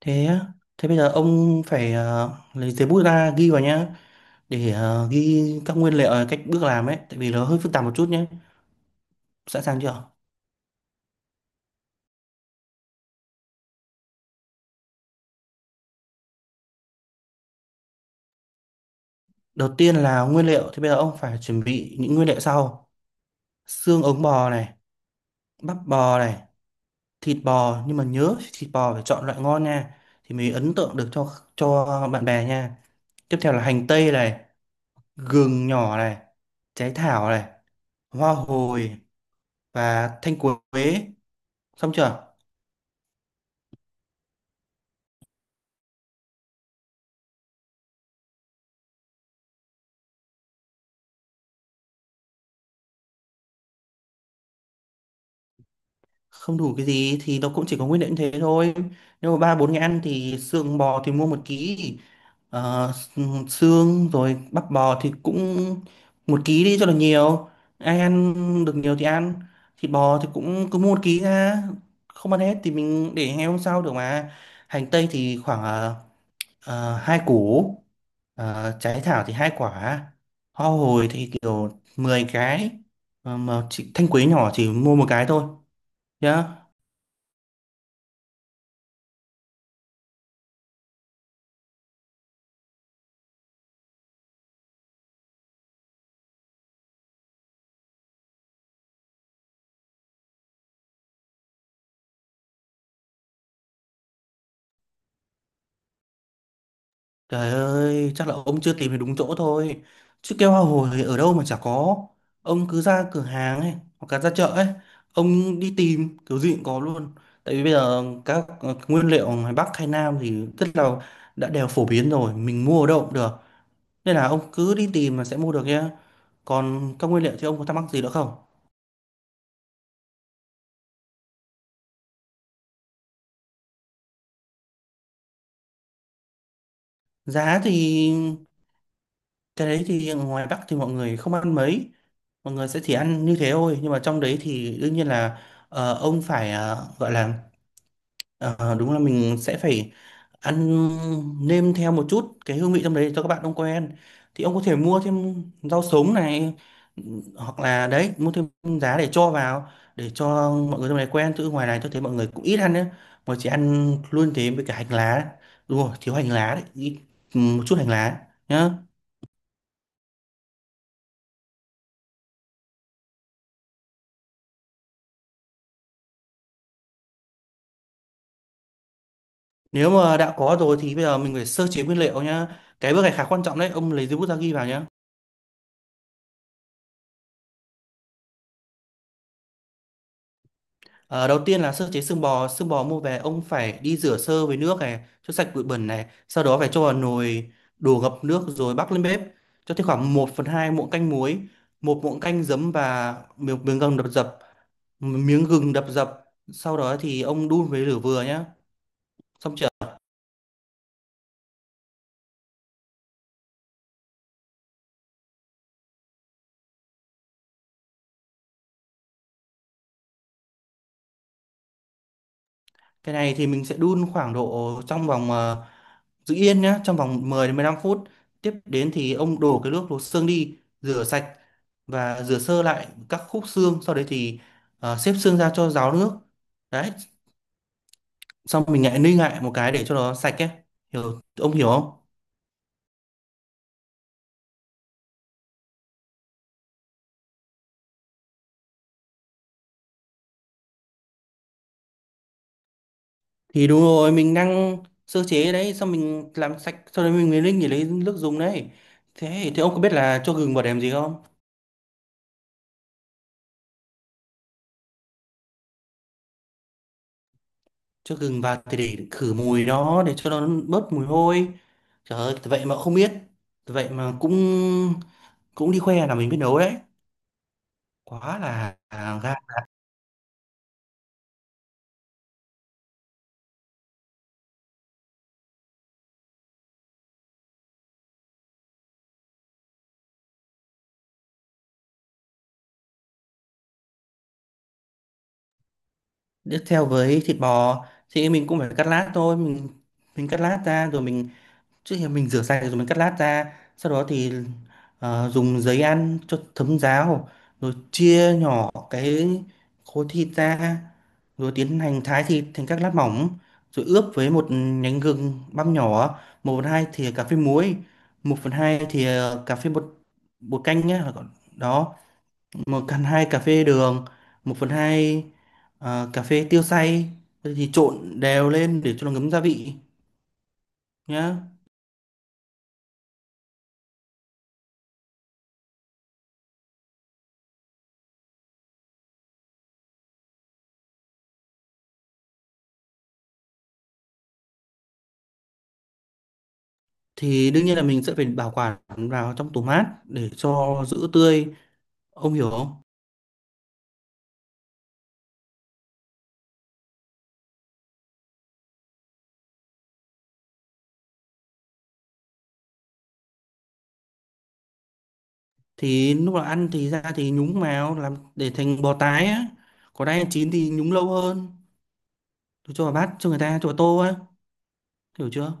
Thế á, thế bây giờ ông phải lấy giấy bút ra ghi vào nhá để ghi các nguyên liệu, cách bước làm ấy, tại vì nó hơi phức tạp một chút nhé. Sẵn sàng chưa? Đầu tiên là nguyên liệu thì bây giờ ông phải chuẩn bị những nguyên liệu sau. Xương ống bò này, bắp bò này, thịt bò, nhưng mà nhớ thịt bò phải chọn loại ngon nha, thì mới ấn tượng được cho bạn bè nha. Tiếp theo là hành tây này, gừng nhỏ này, trái thảo này, hoa hồi và thanh quế. Xong chưa? Không đủ cái gì thì nó cũng chỉ có nguyên liệu như thế thôi. Nếu mà ba bốn người ăn thì xương bò thì mua một ký, ờ, xương. Rồi bắp bò thì cũng một ký đi cho là nhiều, ai ăn được nhiều thì ăn. Thịt bò thì cũng cứ mua một ký ra, không ăn hết thì mình để ngày hôm sau được mà. Hành tây thì khoảng hai củ, trái thảo thì hai quả, hoa hồi thì kiểu 10 cái. Ờ, mà chị thanh quế nhỏ chỉ mua một cái thôi nhá. Trời ơi, chắc là ông chưa tìm được đúng chỗ thôi. Chứ keo hoa hồi ở đâu mà chả có. Ông cứ ra cửa hàng ấy, hoặc là ra chợ ấy, ông đi tìm kiểu gì cũng có luôn. Tại vì bây giờ các nguyên liệu ngoài Bắc hay Nam thì rất là đã đều phổ biến rồi, mình mua ở đâu cũng được. Nên là ông cứ đi tìm là sẽ mua được nhá. Còn các nguyên liệu thì ông có thắc mắc gì nữa không? Giá thì cái đấy thì ngoài Bắc thì mọi người không ăn mấy, mọi người sẽ chỉ ăn như thế thôi. Nhưng mà trong đấy thì đương nhiên là ông phải gọi là, ờ, đúng là mình sẽ phải ăn, nêm theo một chút cái hương vị trong đấy cho các bạn ông quen. Thì ông có thể mua thêm rau sống này, hoặc là đấy mua thêm giá để cho vào, để cho mọi người trong này quen. Chứ ngoài này tôi thấy mọi người cũng ít ăn nữa, mà chỉ ăn luôn thế với cả hành lá. Đúng rồi, thiếu hành lá đấy, ít, một chút hành lá nhá. Nếu mà đã có rồi thì bây giờ mình phải sơ chế nguyên liệu nhá. Cái bước này khá quan trọng đấy, ông lấy giấy bút ra ghi vào nhá. Ờ, đầu tiên là sơ chế xương bò. Xương bò mua về, ông phải đi rửa sơ với nước này, cho sạch bụi bẩn này, sau đó phải cho vào nồi, đổ ngập nước rồi bắc lên bếp, cho thêm khoảng 1/2 muỗng canh muối, một muỗng canh giấm và miếng gừng đập dập, sau đó thì ông đun với lửa vừa nhá. Xong chưa? Cái này thì mình sẽ đun khoảng độ trong vòng giữ yên nhé, trong vòng 10 đến 15 phút. Tiếp đến thì ông đổ cái nước luộc xương đi, rửa sạch và rửa sơ lại các khúc xương. Sau đấy thì xếp xương ra cho ráo nước đấy, xong mình lại ninh lại một cái để cho nó sạch ấy, hiểu ông hiểu không? Thì đúng rồi, mình đang sơ chế đấy, xong mình làm sạch, sau đấy mình mới ninh để lấy nước dùng đấy. Thế thì ông có biết là cho gừng vào để làm gì không? Cho gừng vào thì để khử mùi đó, để cho nó bớt mùi hôi. Trời ơi, vậy mà không biết. Vậy mà cũng cũng đi khoe là mình biết nấu đấy, quá là gan. Tiếp theo với thịt bò thì mình cũng phải cắt lát thôi, mình cắt lát ra rồi mình, trước khi mình rửa sạch rồi mình cắt lát ra, sau đó thì dùng giấy ăn cho thấm ráo, rồi chia nhỏ cái khối thịt ra, rồi tiến hành thái thịt thành các lát mỏng, rồi ướp với một nhánh gừng băm nhỏ, 1/2 thìa cà phê muối, 1/2 thìa cà phê bột, bột canh nhé, đó, 1/2 cà phê đường, 1/2 cà phê tiêu xay, thì trộn đều lên để cho nó ngấm gia vị nhá. Thì đương nhiên là mình sẽ phải bảo quản vào trong tủ mát để cho giữ tươi, ông hiểu không? Thì lúc nào ăn thì ra thì nhúng vào, làm để thành bò tái á, còn đang chín thì nhúng lâu hơn, cho vào bát, cho người ta cho vào tô á, hiểu chưa?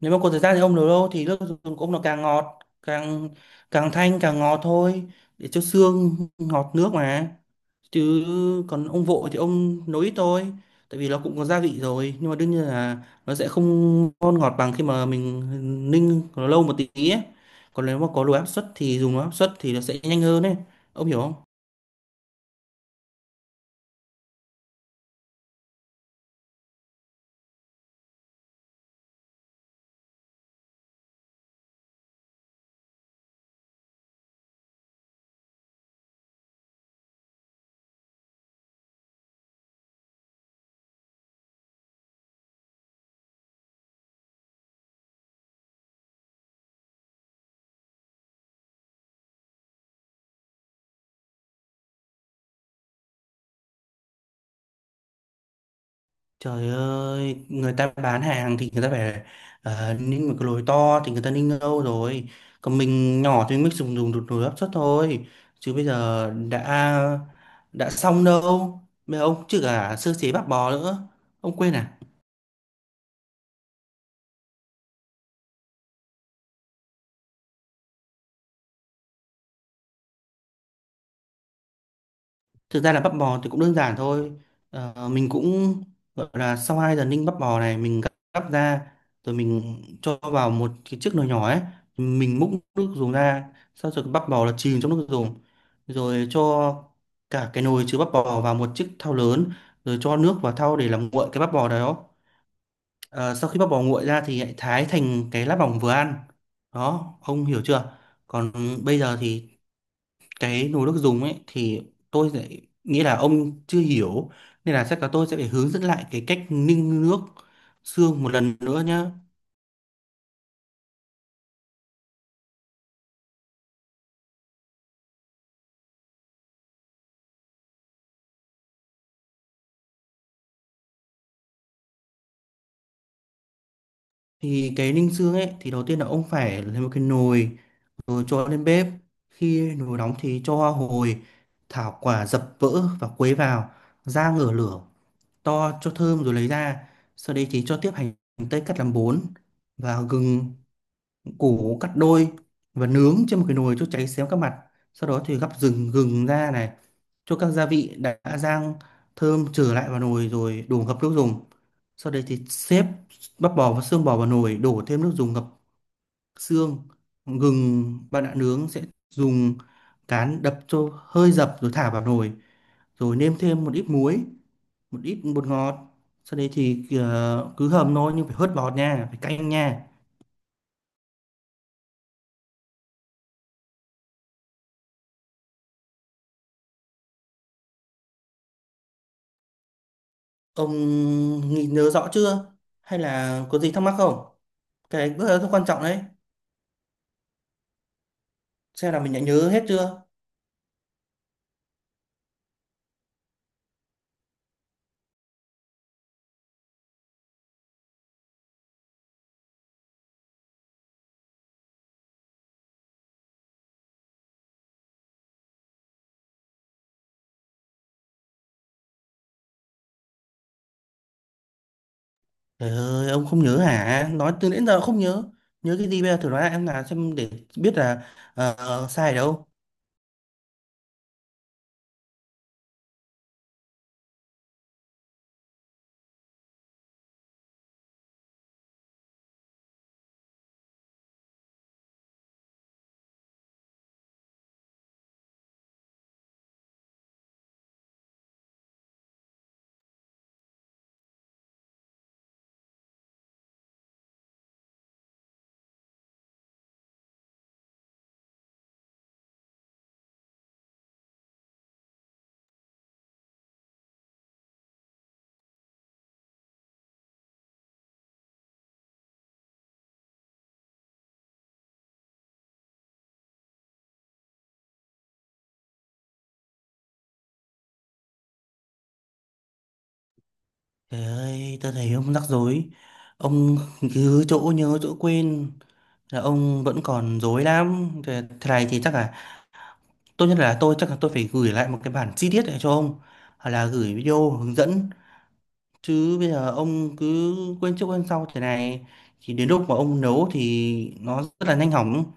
Nếu mà có thời gian thì ông nấu đâu thì nước dùng của ông nó càng ngọt, càng càng thanh càng ngọt thôi, để cho xương ngọt nước mà. Chứ còn ông vội thì ông nấu ít thôi, tại vì nó cũng có gia vị rồi, nhưng mà đương nhiên là nó sẽ không ngon ngọt bằng khi mà mình ninh nó lâu một tí ấy. Còn nếu mà có đồ áp suất thì dùng đồ áp suất thì nó sẽ nhanh hơn ấy, ông hiểu không? Trời ơi, người ta bán hàng thì người ta phải ninh một cái lồi to thì người ta ninh lâu rồi. Còn mình nhỏ thì mình mới dùng dùng đột nồi áp suất thôi. Chứ bây giờ đã xong đâu. Bây giờ ông chứ cả sơ chế bạc bò nữa. Ông quên à? Thực ra là bắp bò thì cũng đơn giản thôi. Ờ, mình cũng gọi là, sau 2 giờ ninh bắp bò này, mình gắp gắp ra rồi mình cho vào một cái chiếc nồi nhỏ ấy, mình múc nước dùng ra, sau rồi cái bắp bò là chìm trong nước dùng. Rồi cho cả cái nồi chứa bắp bò vào một chiếc thau lớn, rồi cho nước vào thau để làm nguội cái bắp bò đó. Ờ, sau khi bắp bò nguội ra thì hãy thái thành cái lát mỏng vừa ăn. Đó, ông hiểu chưa? Còn bây giờ thì cái nồi nước dùng ấy thì tôi sẽ nghĩ là ông chưa hiểu, nên là chắc là tôi sẽ phải hướng dẫn lại cái cách ninh nước xương một lần nữa nhá. Thì cái ninh xương ấy thì đầu tiên là ông phải lấy một cái nồi rồi cho lên bếp, khi nồi nóng thì cho hoa hồi, thảo quả dập vỡ và quấy vào, rang ngửa lửa to cho thơm rồi lấy ra. Sau đấy thì cho tiếp hành tây cắt làm bốn và gừng củ cắt đôi và nướng trên một cái nồi cho cháy xém các mặt. Sau đó thì gắp rừng gừng ra này, cho các gia vị đã rang thơm trở lại vào nồi rồi đổ ngập nước dùng. Sau đấy thì xếp bắp bò và xương bò vào nồi, đổ thêm nước dùng ngập xương. Gừng bạn đã nướng sẽ dùng cán đập cho hơi dập rồi thả vào nồi, rồi nêm thêm một ít muối, một ít bột ngọt. Sau đấy thì cứ hầm thôi, nhưng phải hớt bọt nha, phải canh nha. Ông nghĩ nhớ rõ chưa? Hay là có gì thắc mắc không? Cái bước đó rất quan trọng đấy. Xem là mình đã nhớ hết chưa? Trời ơi, ông không nhớ hả? Nói từ đến giờ không nhớ. Nhớ cái gì bây giờ, thử nói lại em là xem để biết là sai ở đâu. Trời ơi, tôi thấy ông rắc rối. Ông cứ chỗ nhớ chỗ quên, là ông vẫn còn rối lắm. Thế thế này thì chắc là tốt nhất là tôi, chắc là tôi phải gửi lại một cái bản chi tiết để cho ông, hoặc là gửi video hướng dẫn. Chứ bây giờ ông cứ quên trước quên sau thế này thì đến lúc mà ông nấu thì nó rất là nhanh hỏng.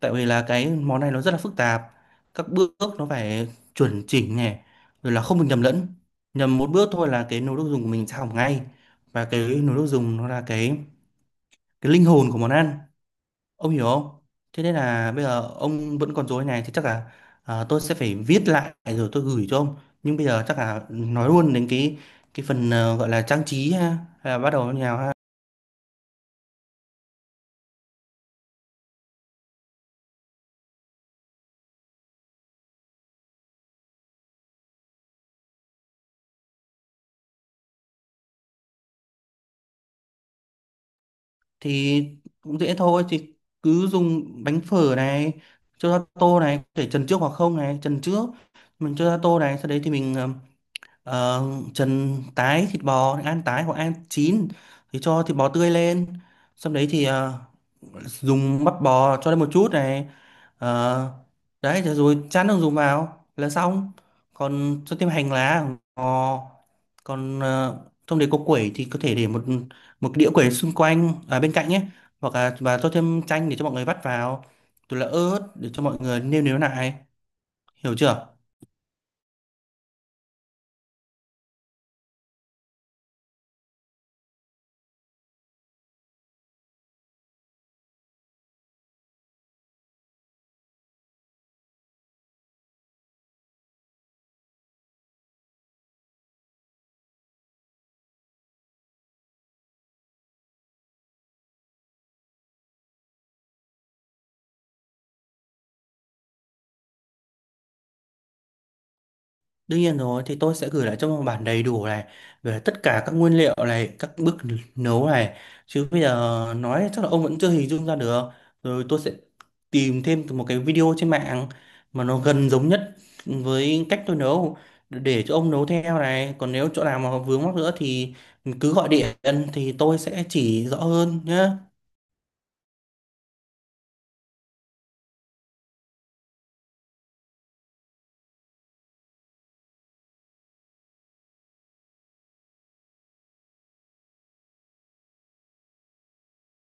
Tại vì là cái món này nó rất là phức tạp. Các bước nó phải chuẩn chỉnh này, rồi là không được nhầm lẫn. Nhầm một bước thôi là cái nồi nước dùng của mình sẽ hỏng ngay. Và cái nồi nước dùng nó là cái linh hồn của món ăn. Ông hiểu không? Thế nên là bây giờ ông vẫn còn rối này thì chắc là, tôi sẽ phải viết lại rồi tôi gửi cho ông. Nhưng bây giờ chắc là nói luôn đến cái phần gọi là trang trí ha, hay là bắt đầu như nào ha. Thì cũng dễ thôi, thì cứ dùng bánh phở này cho ra tô này, có thể trần trước hoặc không này, trần trước mình cho ra tô này. Sau đấy thì mình ờ, trần tái thịt bò, ăn tái hoặc ăn chín thì cho thịt bò tươi lên, xong đấy thì dùng bắp bò cho lên một chút này. Ờ, đấy, thế rồi chán đường dùng vào là xong, còn cho thêm hành lá, ngò, còn trong đấy có quẩy thì có thể để một một đĩa quẩy xung quanh, à, bên cạnh nhé, hoặc là và cho thêm chanh để cho mọi người vắt vào, rồi là ớt để cho mọi người nêm nếm lại, hiểu chưa? Đương nhiên rồi, thì tôi sẽ gửi lại cho một bản đầy đủ này về tất cả các nguyên liệu này, các bước nấu này. Chứ bây giờ nói chắc là ông vẫn chưa hình dung ra được. Rồi tôi sẽ tìm thêm một cái video trên mạng mà nó gần giống nhất với cách tôi nấu để cho ông nấu theo này. Còn nếu chỗ nào mà vướng mắc nữa thì cứ gọi điện thì tôi sẽ chỉ rõ hơn nhé.